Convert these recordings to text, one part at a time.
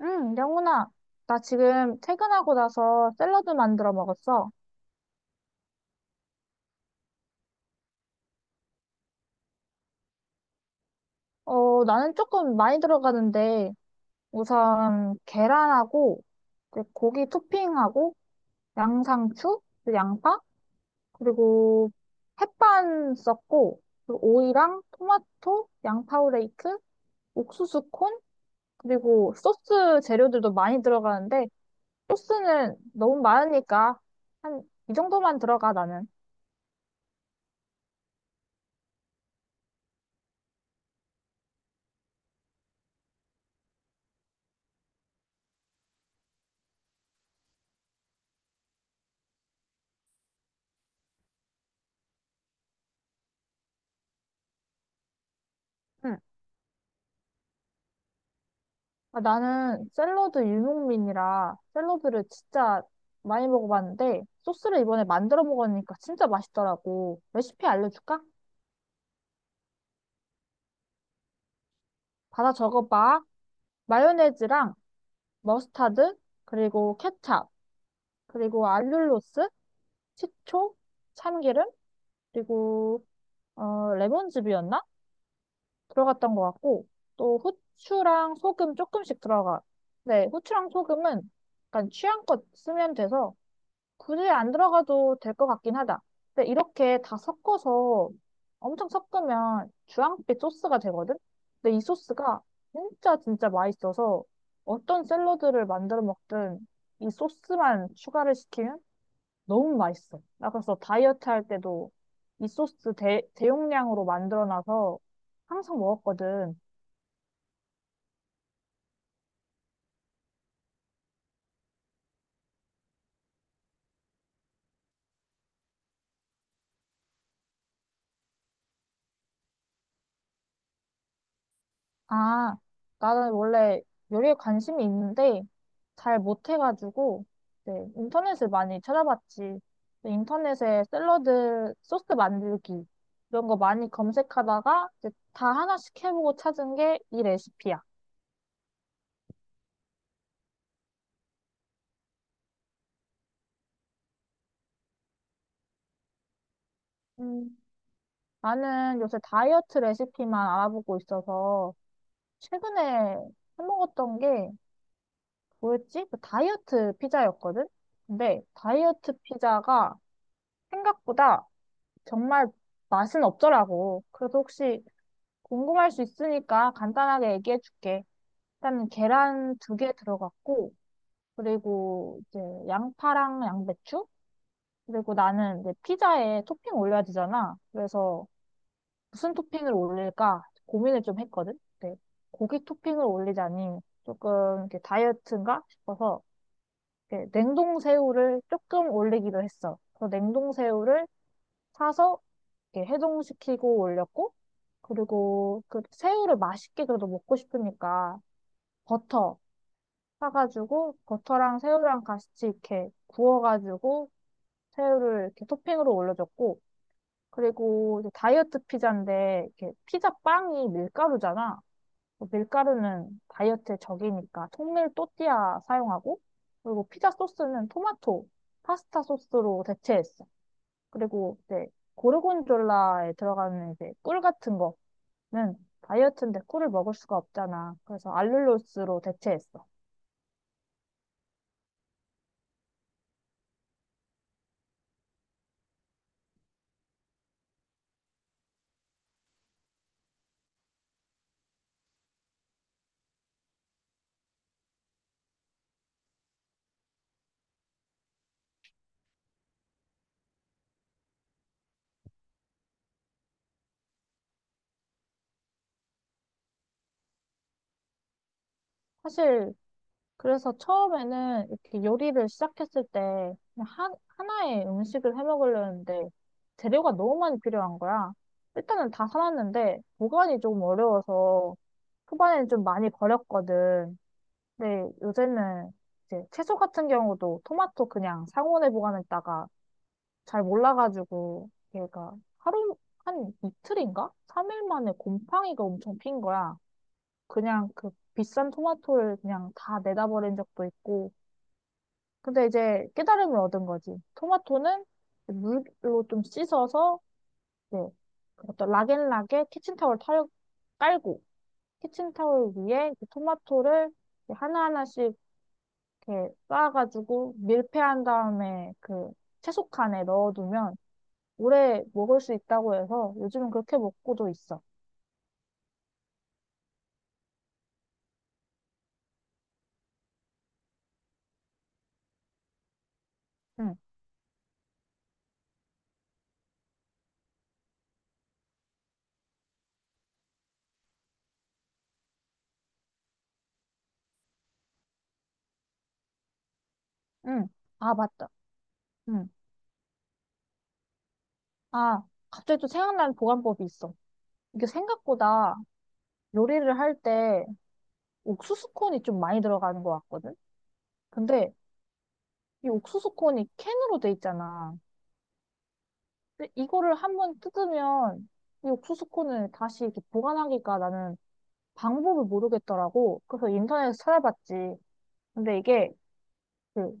응, 영훈아. 나 지금 퇴근하고 나서 샐러드 만들어 먹었어. 나는 조금 많이 들어가는데, 우선 계란하고, 이제 고기 토핑하고, 양상추, 그리고 양파, 그리고 햇반 썼고, 그리고 오이랑 토마토, 양파오레이크, 옥수수 콘, 그리고 소스 재료들도 많이 들어가는데, 소스는 너무 많으니까, 한, 이 정도만 들어가, 나는. 응. 아, 나는 샐러드 유목민이라 샐러드를 진짜 많이 먹어봤는데 소스를 이번에 만들어 먹으니까 진짜 맛있더라고. 레시피 알려줄까? 받아 적어봐. 마요네즈랑 머스타드, 그리고 케찹, 그리고 알룰로스, 식초, 참기름, 그리고 레몬즙이었나? 들어갔던 것 같고 또 후추랑 소금 조금씩 들어가. 네, 후추랑 소금은 약간 취향껏 쓰면 돼서 굳이 안 들어가도 될 것 같긴 하다. 근데 이렇게 다 섞어서 엄청 섞으면 주황빛 소스가 되거든? 근데 이 소스가 진짜 진짜 맛있어서 어떤 샐러드를 만들어 먹든 이 소스만 추가를 시키면 너무 맛있어. 나 그래서 다이어트 할 때도 이 소스 대용량으로 만들어 놔서 항상 먹었거든. 아, 나는 원래 요리에 관심이 있는데 잘 못해가지고 네, 인터넷을 많이 찾아봤지. 인터넷에 샐러드 소스 만들기 이런 거 많이 검색하다가 이제 다 하나씩 해보고 찾은 게 이 레시피야. 음, 나는 요새 다이어트 레시피만 알아보고 있어서 최근에 해먹었던 게 뭐였지? 그 다이어트 피자였거든? 근데 다이어트 피자가 생각보다 정말 맛은 없더라고. 그래서 혹시 궁금할 수 있으니까 간단하게 얘기해 줄게. 일단 계란 두 개 들어갔고, 그리고 이제 양파랑 양배추? 그리고 나는 이제 피자에 토핑 올려야 되잖아. 그래서 무슨 토핑을 올릴까 고민을 좀 했거든. 근데 고기 토핑을 올리자니 조금 이렇게 다이어트인가 싶어서 이렇게 냉동 새우를 조금 올리기로 했어. 그래서 냉동 새우를 사서 이렇게 해동시키고 올렸고, 그리고 그 새우를 맛있게 그래도 먹고 싶으니까 버터 사가지고 버터랑 새우랑 같이 이렇게 구워가지고 새우를 이렇게 토핑으로 올려줬고, 그리고 이제 다이어트 피자인데 이렇게 피자 빵이 밀가루잖아. 그 밀가루는 다이어트의 적이니까 통밀 또띠아 사용하고, 그리고 피자 소스는 토마토 파스타 소스로 대체했어. 그리고 이제 고르곤졸라에 들어가는 이제 꿀 같은 거 는 다이어트인데 꿀을 먹을 수가 없잖아. 그래서 알룰로스로 대체했어. 사실 그래서 처음에는 이렇게 요리를 시작했을 때 그냥 하나의 음식을 해 먹으려는데 재료가 너무 많이 필요한 거야. 일단은 다 사놨는데 보관이 조금 어려워서 초반에는 좀 많이 버렸거든. 근데 요새는 이제 채소 같은 경우도 토마토 그냥 상온에 보관했다가 잘 몰라가지고 얘가 하루 한 이틀인가? 3일 만에 곰팡이가 엄청 핀 거야. 그냥 그 비싼 토마토를 그냥 다 내다 버린 적도 있고. 근데 이제 깨달음을 얻은 거지. 토마토는 물로 좀 씻어서 이제 어떤 락앤락에 키친타올 털 깔고 키친타올 위에 이 토마토를 하나하나씩 이렇게 쌓아가지고 밀폐한 다음에 그 채소칸에 넣어두면 오래 먹을 수 있다고 해서 요즘은 그렇게 먹고도 있어. 응, 응. 아, 맞다. 응. 아, 갑자기 또 생각나는 보관법이 있어. 이게 생각보다 요리를 할 때 옥수수 콘이 좀 많이 들어가는 것 같거든? 근데 이 옥수수 콘이 캔으로 돼 있잖아. 근데 이거를 한번 뜯으면 이 옥수수 콘을 다시 이렇게 보관하기가 나는 방법을 모르겠더라고. 그래서 인터넷에서 찾아봤지. 근데 이게 그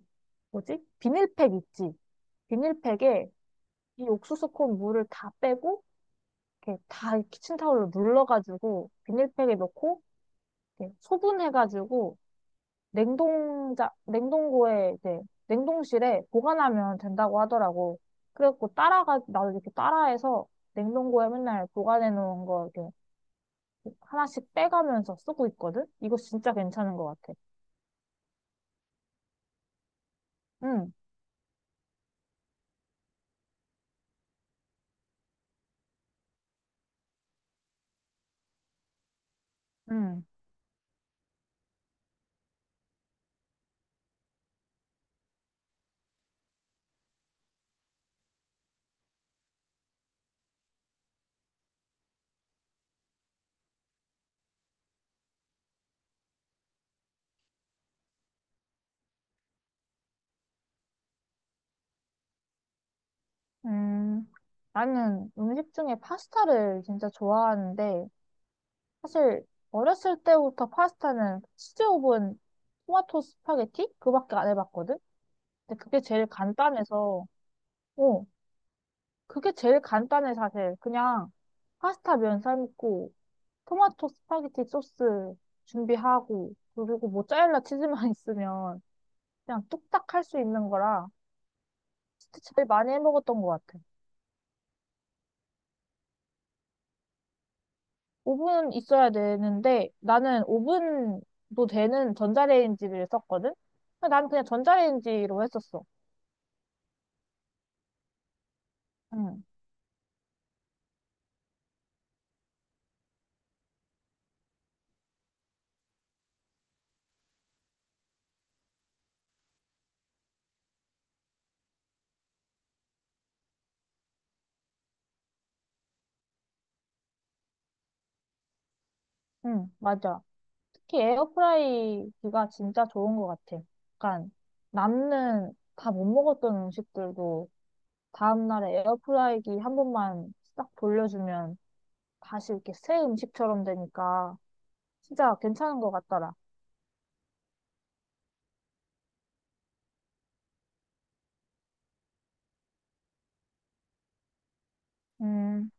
뭐지? 비닐팩 있지? 비닐팩에 이 옥수수콘 물을 다 빼고 이렇게 다 키친타올로 눌러가지고 비닐팩에 넣고 이렇게 소분해가지고 냉동자 냉동고에 이제 냉동실에 보관하면 된다고 하더라고. 그래갖고 따라가 나도 이렇게 따라해서 냉동고에 맨날 보관해 놓은 거 이렇게 하나씩 빼가면서 쓰고 있거든. 이거 진짜 괜찮은 것 같아. 응, 응, 음. 나는 음식 중에 파스타를 진짜 좋아하는데 사실 어렸을 때부터 파스타는 치즈 오븐 토마토 스파게티 그밖에 안 해봤거든. 근데 그게 제일 간단해서 어 그게 제일 간단해 사실. 그냥 파스타 면 삶고 토마토 스파게티 소스 준비하고 그리고 모짜렐라 치즈만 있으면 그냥 뚝딱 할 수 있는 거라 진짜 제일 많이 해먹었던 것 같아. 오븐 있어야 되는데 나는 오븐도 되는 전자레인지를 썼거든. 근데 난 그냥 전자레인지로 했었어. 응. 응, 맞아. 특히 에어프라이기가 진짜 좋은 것 같아. 약간 남는 다 못 먹었던 음식들도 다음날에 에어프라이기 한 번만 싹 돌려주면 다시 이렇게 새 음식처럼 되니까 진짜 괜찮은 것 같더라. 음,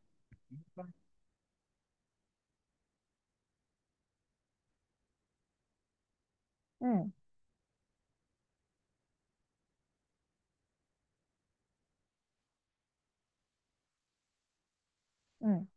응, 응,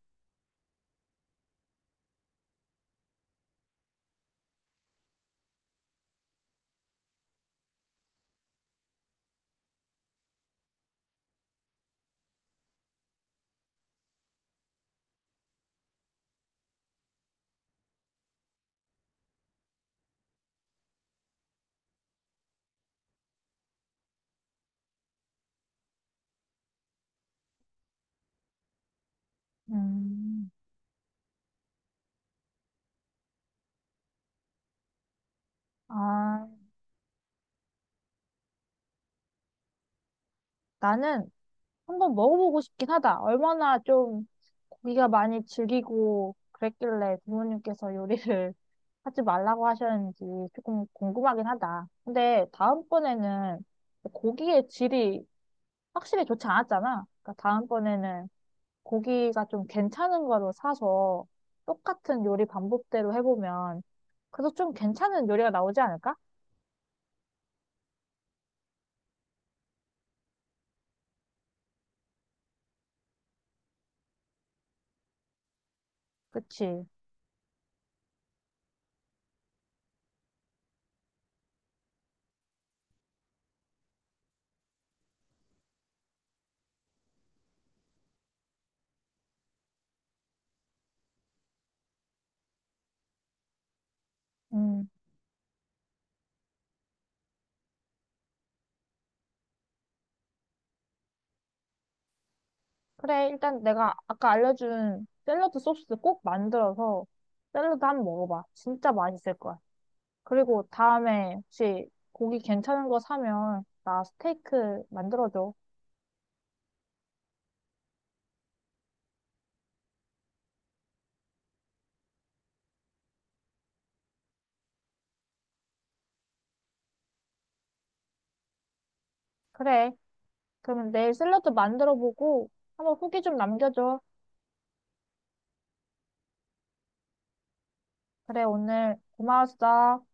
음. 아, 나는 한번 먹어보고 싶긴 하다. 얼마나 좀 고기가 많이 질기고 그랬길래 부모님께서 요리를 하지 말라고 하셨는지 조금 궁금하긴 하다. 근데 다음번에는 고기의 질이 확실히 좋지 않았잖아. 그러니까 다음번에는 고기가 좀 괜찮은 거로 사서 똑같은 요리 방법대로 해보면 그래도 좀 괜찮은 요리가 나오지 않을까? 그치? 음. 그래, 일단 내가 아까 알려준 샐러드 소스 꼭 만들어서 샐러드 한 번 먹어봐. 진짜 맛있을 거야. 그리고 다음에 혹시 고기 괜찮은 거 사면 나 스테이크 만들어줘. 그래. 그러면 내일 샐러드 만들어보고 한번 후기 좀 남겨줘. 그래, 오늘 고마웠어.